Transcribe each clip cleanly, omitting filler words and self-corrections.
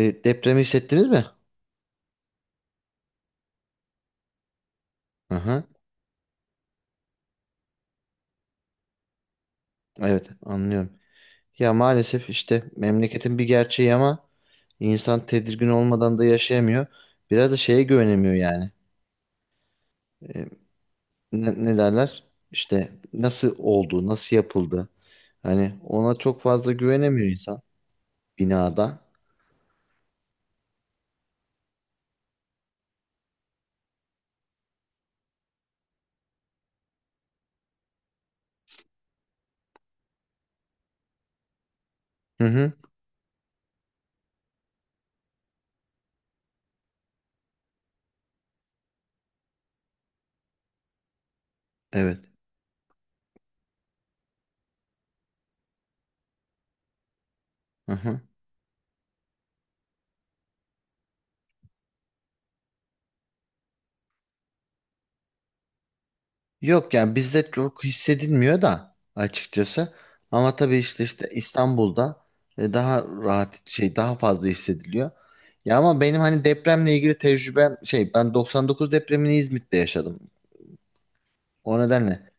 Depremi hissettiniz mi? Aha, evet anlıyorum. Ya maalesef işte memleketin bir gerçeği ama insan tedirgin olmadan da yaşayamıyor. Biraz da şeye güvenemiyor yani. E, ne derler? İşte nasıl oldu, nasıl yapıldı? Hani ona çok fazla güvenemiyor insan binada. Hı hı, evet. Aha. Yok yani bizde çok hissedilmiyor da açıkçası. Ama tabii işte İstanbul'da daha rahat şey daha fazla hissediliyor. Ya ama benim hani depremle ilgili tecrübem şey ben 99 depremini İzmit'te yaşadım. O nedenle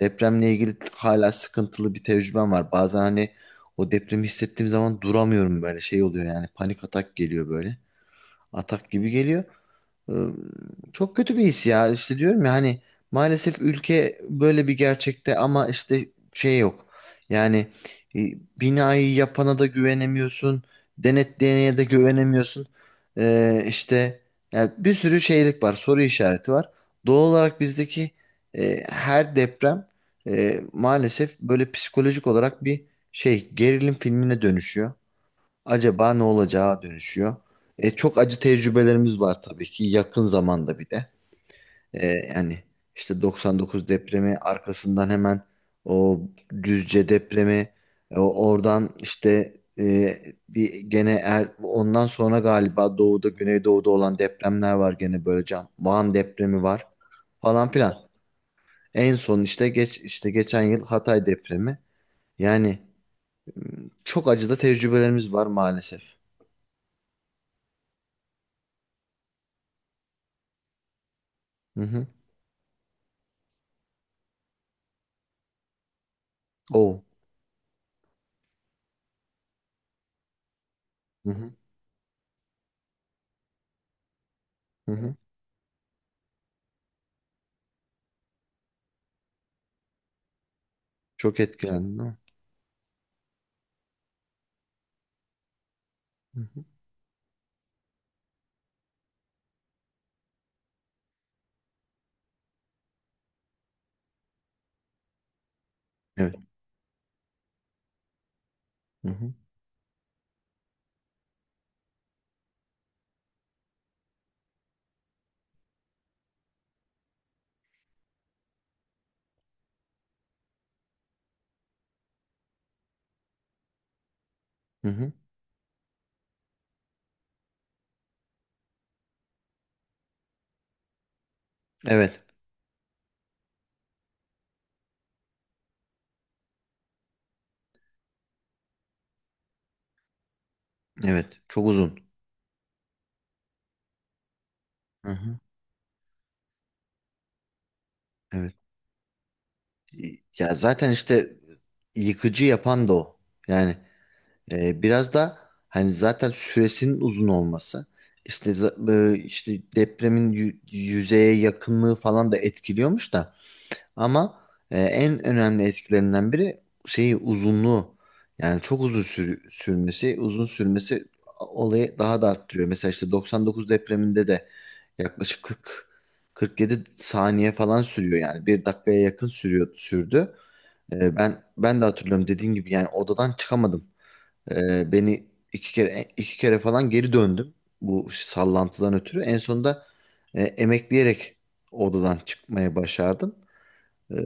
depremle ilgili hala sıkıntılı bir tecrübem var. Bazen hani o depremi hissettiğim zaman duramıyorum böyle şey oluyor yani panik atak geliyor böyle. Atak gibi geliyor. Iı, Çok kötü bir his ya. İşte diyorum ya hani maalesef ülke böyle bir gerçekte ama işte şey yok. Yani e, binayı yapana da güvenemiyorsun. Denetleyene de güvenemiyorsun. İşte yani bir sürü şeylik var. Soru işareti var. Doğal olarak bizdeki her deprem maalesef böyle psikolojik olarak bir şey gerilim filmine dönüşüyor acaba ne olacağı dönüşüyor. Çok acı tecrübelerimiz var tabii ki yakın zamanda bir de. Yani işte 99 depremi arkasından hemen o Düzce depremi oradan işte bir gene ondan sonra galiba doğuda güneydoğuda olan depremler var gene böyle can. Van depremi var falan filan. En son işte geçen yıl Hatay depremi. Yani çok acı da tecrübelerimiz var maalesef. Hı hı. Oo. Hı hı. Hı hı. Çok etkilendin değil mi? Hı hı. Evet. Hı hı. Hı hı. Evet. Evet. Çok uzun. Hı hı. Evet. Ya zaten işte yıkıcı yapan da o. Yani biraz da hani zaten süresinin uzun olması işte işte depremin yüzeye yakınlığı falan da etkiliyormuş da. Ama en önemli etkilerinden biri şeyi uzunluğu. Yani çok uzun sürmesi, uzun sürmesi olayı daha da arttırıyor. Mesela işte 99 depreminde de yaklaşık 40 47 saniye falan sürüyor yani. Bir dakikaya yakın sürüyor sürdü. Ben de hatırlıyorum dediğin gibi yani odadan çıkamadım. Beni iki kere iki kere falan geri döndüm bu sallantıdan ötürü. En sonunda emekleyerek odadan çıkmaya başardım. E,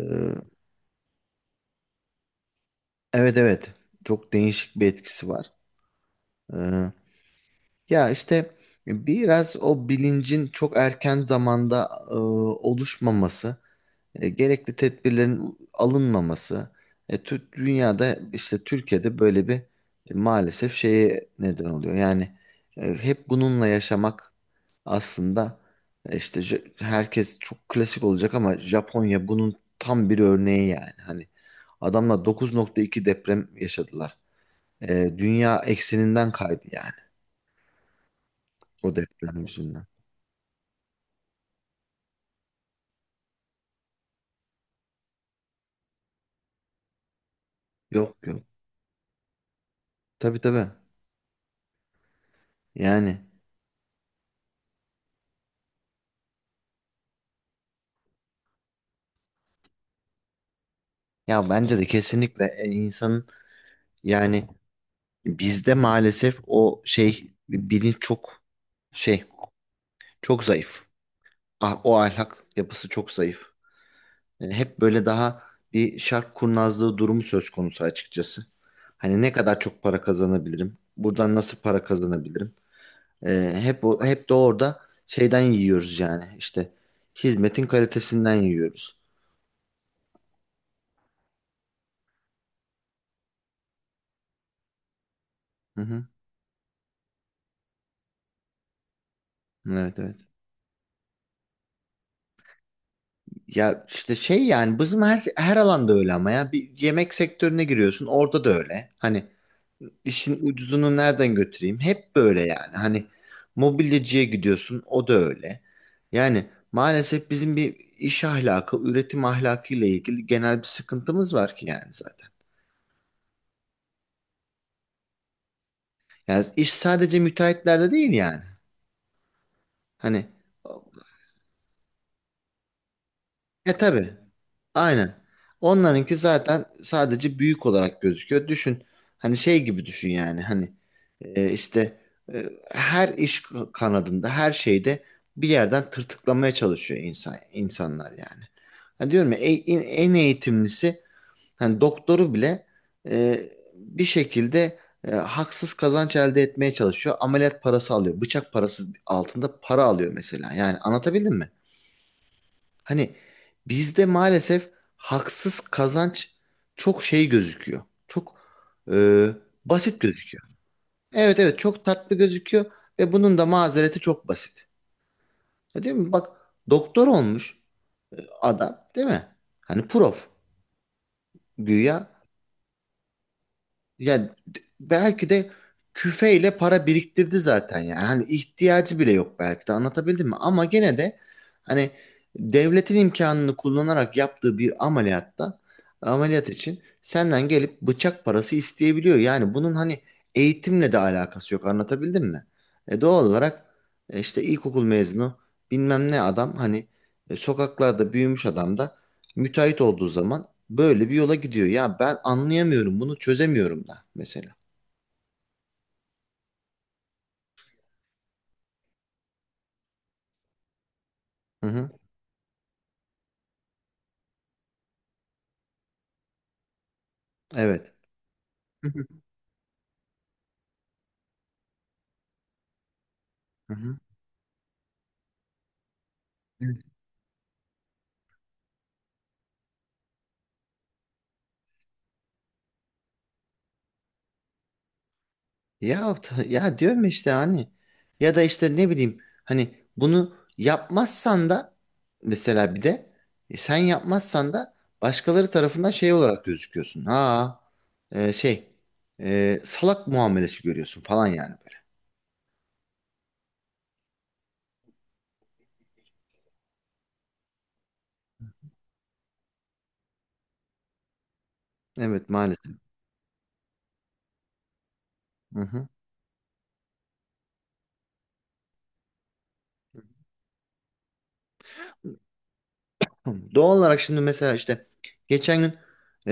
Evet evet. Çok değişik bir etkisi var. Ee, ya işte biraz o bilincin çok erken zamanda oluşmaması, gerekli tedbirlerin alınmaması, dünyada işte Türkiye'de böyle bir maalesef şeye neden oluyor. Yani hep bununla yaşamak aslında herkes çok klasik olacak ama Japonya bunun tam bir örneği yani. Hani adamlar 9.2 deprem yaşadılar. Dünya ekseninden kaydı yani o deprem yüzünden. Yok yok. Tabii tabii. Yani ya bence de kesinlikle insanın yani bizde maalesef o şey bilinç çok şey çok zayıf. Ah, o ahlak yapısı çok zayıf. Hep böyle daha bir şark kurnazlığı durumu söz konusu açıkçası. Hani ne kadar çok para kazanabilirim? Buradan nasıl para kazanabilirim? Hep de orada şeyden yiyoruz yani işte hizmetin kalitesinden yiyoruz. Hı hı. Evet evet. Ya işte şey yani bizim her alanda öyle ama ya bir yemek sektörüne giriyorsun orada da öyle. Hani işin ucuzunu nereden götüreyim? Hep böyle yani. Hani mobilyacıya gidiyorsun o da öyle. Yani maalesef bizim bir iş ahlakı, üretim ahlakı ile ilgili genel bir sıkıntımız var ki yani zaten. Yani iş sadece müteahhitlerde değil yani. Hani. Tabii. Aynen. Onlarınki zaten sadece büyük olarak gözüküyor. Düşün. Hani şey gibi düşün yani. Hani e, işte her iş kanadında, her şeyde bir yerden tırtıklamaya çalışıyor insanlar yani. Hani diyorum ya en eğitimlisi hani doktoru bile e, bir şekilde haksız kazanç elde etmeye çalışıyor. Ameliyat parası alıyor. Bıçak parası altında para alıyor mesela. Yani anlatabildim mi? Hani bizde maalesef haksız kazanç çok şey gözüküyor. Çok e, basit gözüküyor. Evet evet çok tatlı gözüküyor ve bunun da mazereti çok basit. Ya, değil mi? Bak doktor olmuş adam değil mi? Hani prof güya. Yani belki de küfeyle para biriktirdi zaten yani. Hani ihtiyacı bile yok belki de anlatabildim mi? Ama gene de hani devletin imkanını kullanarak yaptığı bir ameliyatta ameliyat için senden gelip bıçak parası isteyebiliyor. Yani bunun hani eğitimle de alakası yok anlatabildim mi? Doğal olarak işte ilkokul mezunu bilmem ne adam hani sokaklarda büyümüş adam da müteahhit olduğu zaman böyle bir yola gidiyor. Ya ben anlayamıyorum bunu çözemiyorum da mesela. Hı hı. Evet. Hı hı. Hı hı. Evet. Ya diyorum ya işte hani ya da işte ne bileyim hani bunu yapmazsan da mesela bir de sen yapmazsan da başkaları tarafından şey olarak gözüküyorsun. Ha, şey, salak muamelesi görüyorsun falan yani böyle. Evet maalesef. Hı hı. Tamam. Doğal olarak şimdi mesela işte geçen gün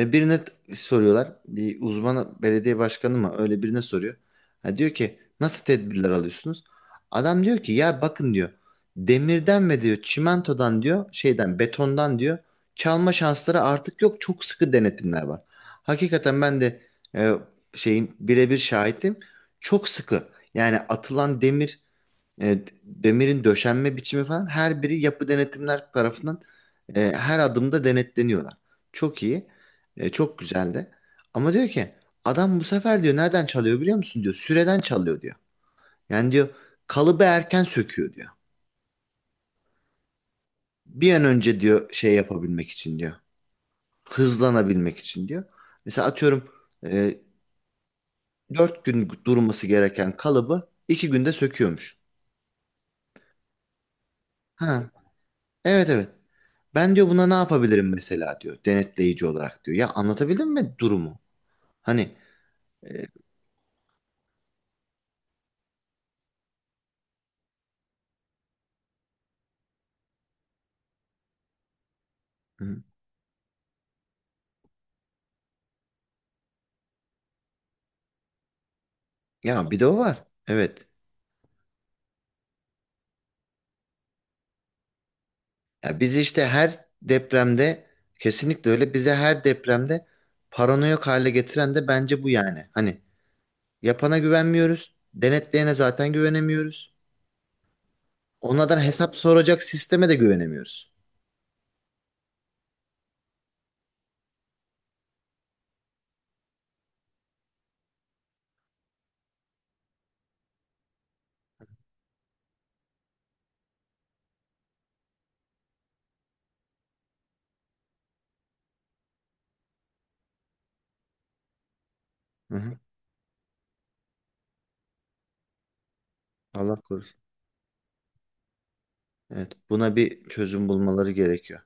birine soruyorlar. Bir uzman belediye başkanı mı öyle birine soruyor. Ha, diyor ki nasıl tedbirler alıyorsunuz? Adam diyor ki ya bakın diyor demirden ve diyor çimentodan diyor şeyden betondan diyor çalma şansları artık yok. Çok sıkı denetimler var. Hakikaten ben de e, şeyin birebir şahidim. Çok sıkı. Yani atılan demir demirin döşenme biçimi falan her biri yapı denetimler tarafından her adımda denetleniyorlar. Çok iyi. Çok güzel de. Ama diyor ki adam bu sefer diyor nereden çalıyor biliyor musun diyor. Süreden çalıyor diyor. Yani diyor kalıbı erken söküyor diyor. Bir an önce diyor şey yapabilmek için diyor. Hızlanabilmek için diyor. Mesela atıyorum e, 4 gün durması gereken kalıbı 2 günde söküyormuş. Ha, evet evet. Ben diyor buna ne yapabilirim mesela diyor denetleyici olarak diyor. Ya anlatabildim mi durumu? Hani hı, ya bir de o var. Evet. Ya biz işte her depremde kesinlikle öyle bize her depremde paranoyak hale getiren de bence bu yani. Hani yapana güvenmiyoruz. Denetleyene zaten güvenemiyoruz. Onlardan hesap soracak sisteme de güvenemiyoruz. Hı hı. Allah korusun. Evet, buna bir çözüm bulmaları gerekiyor.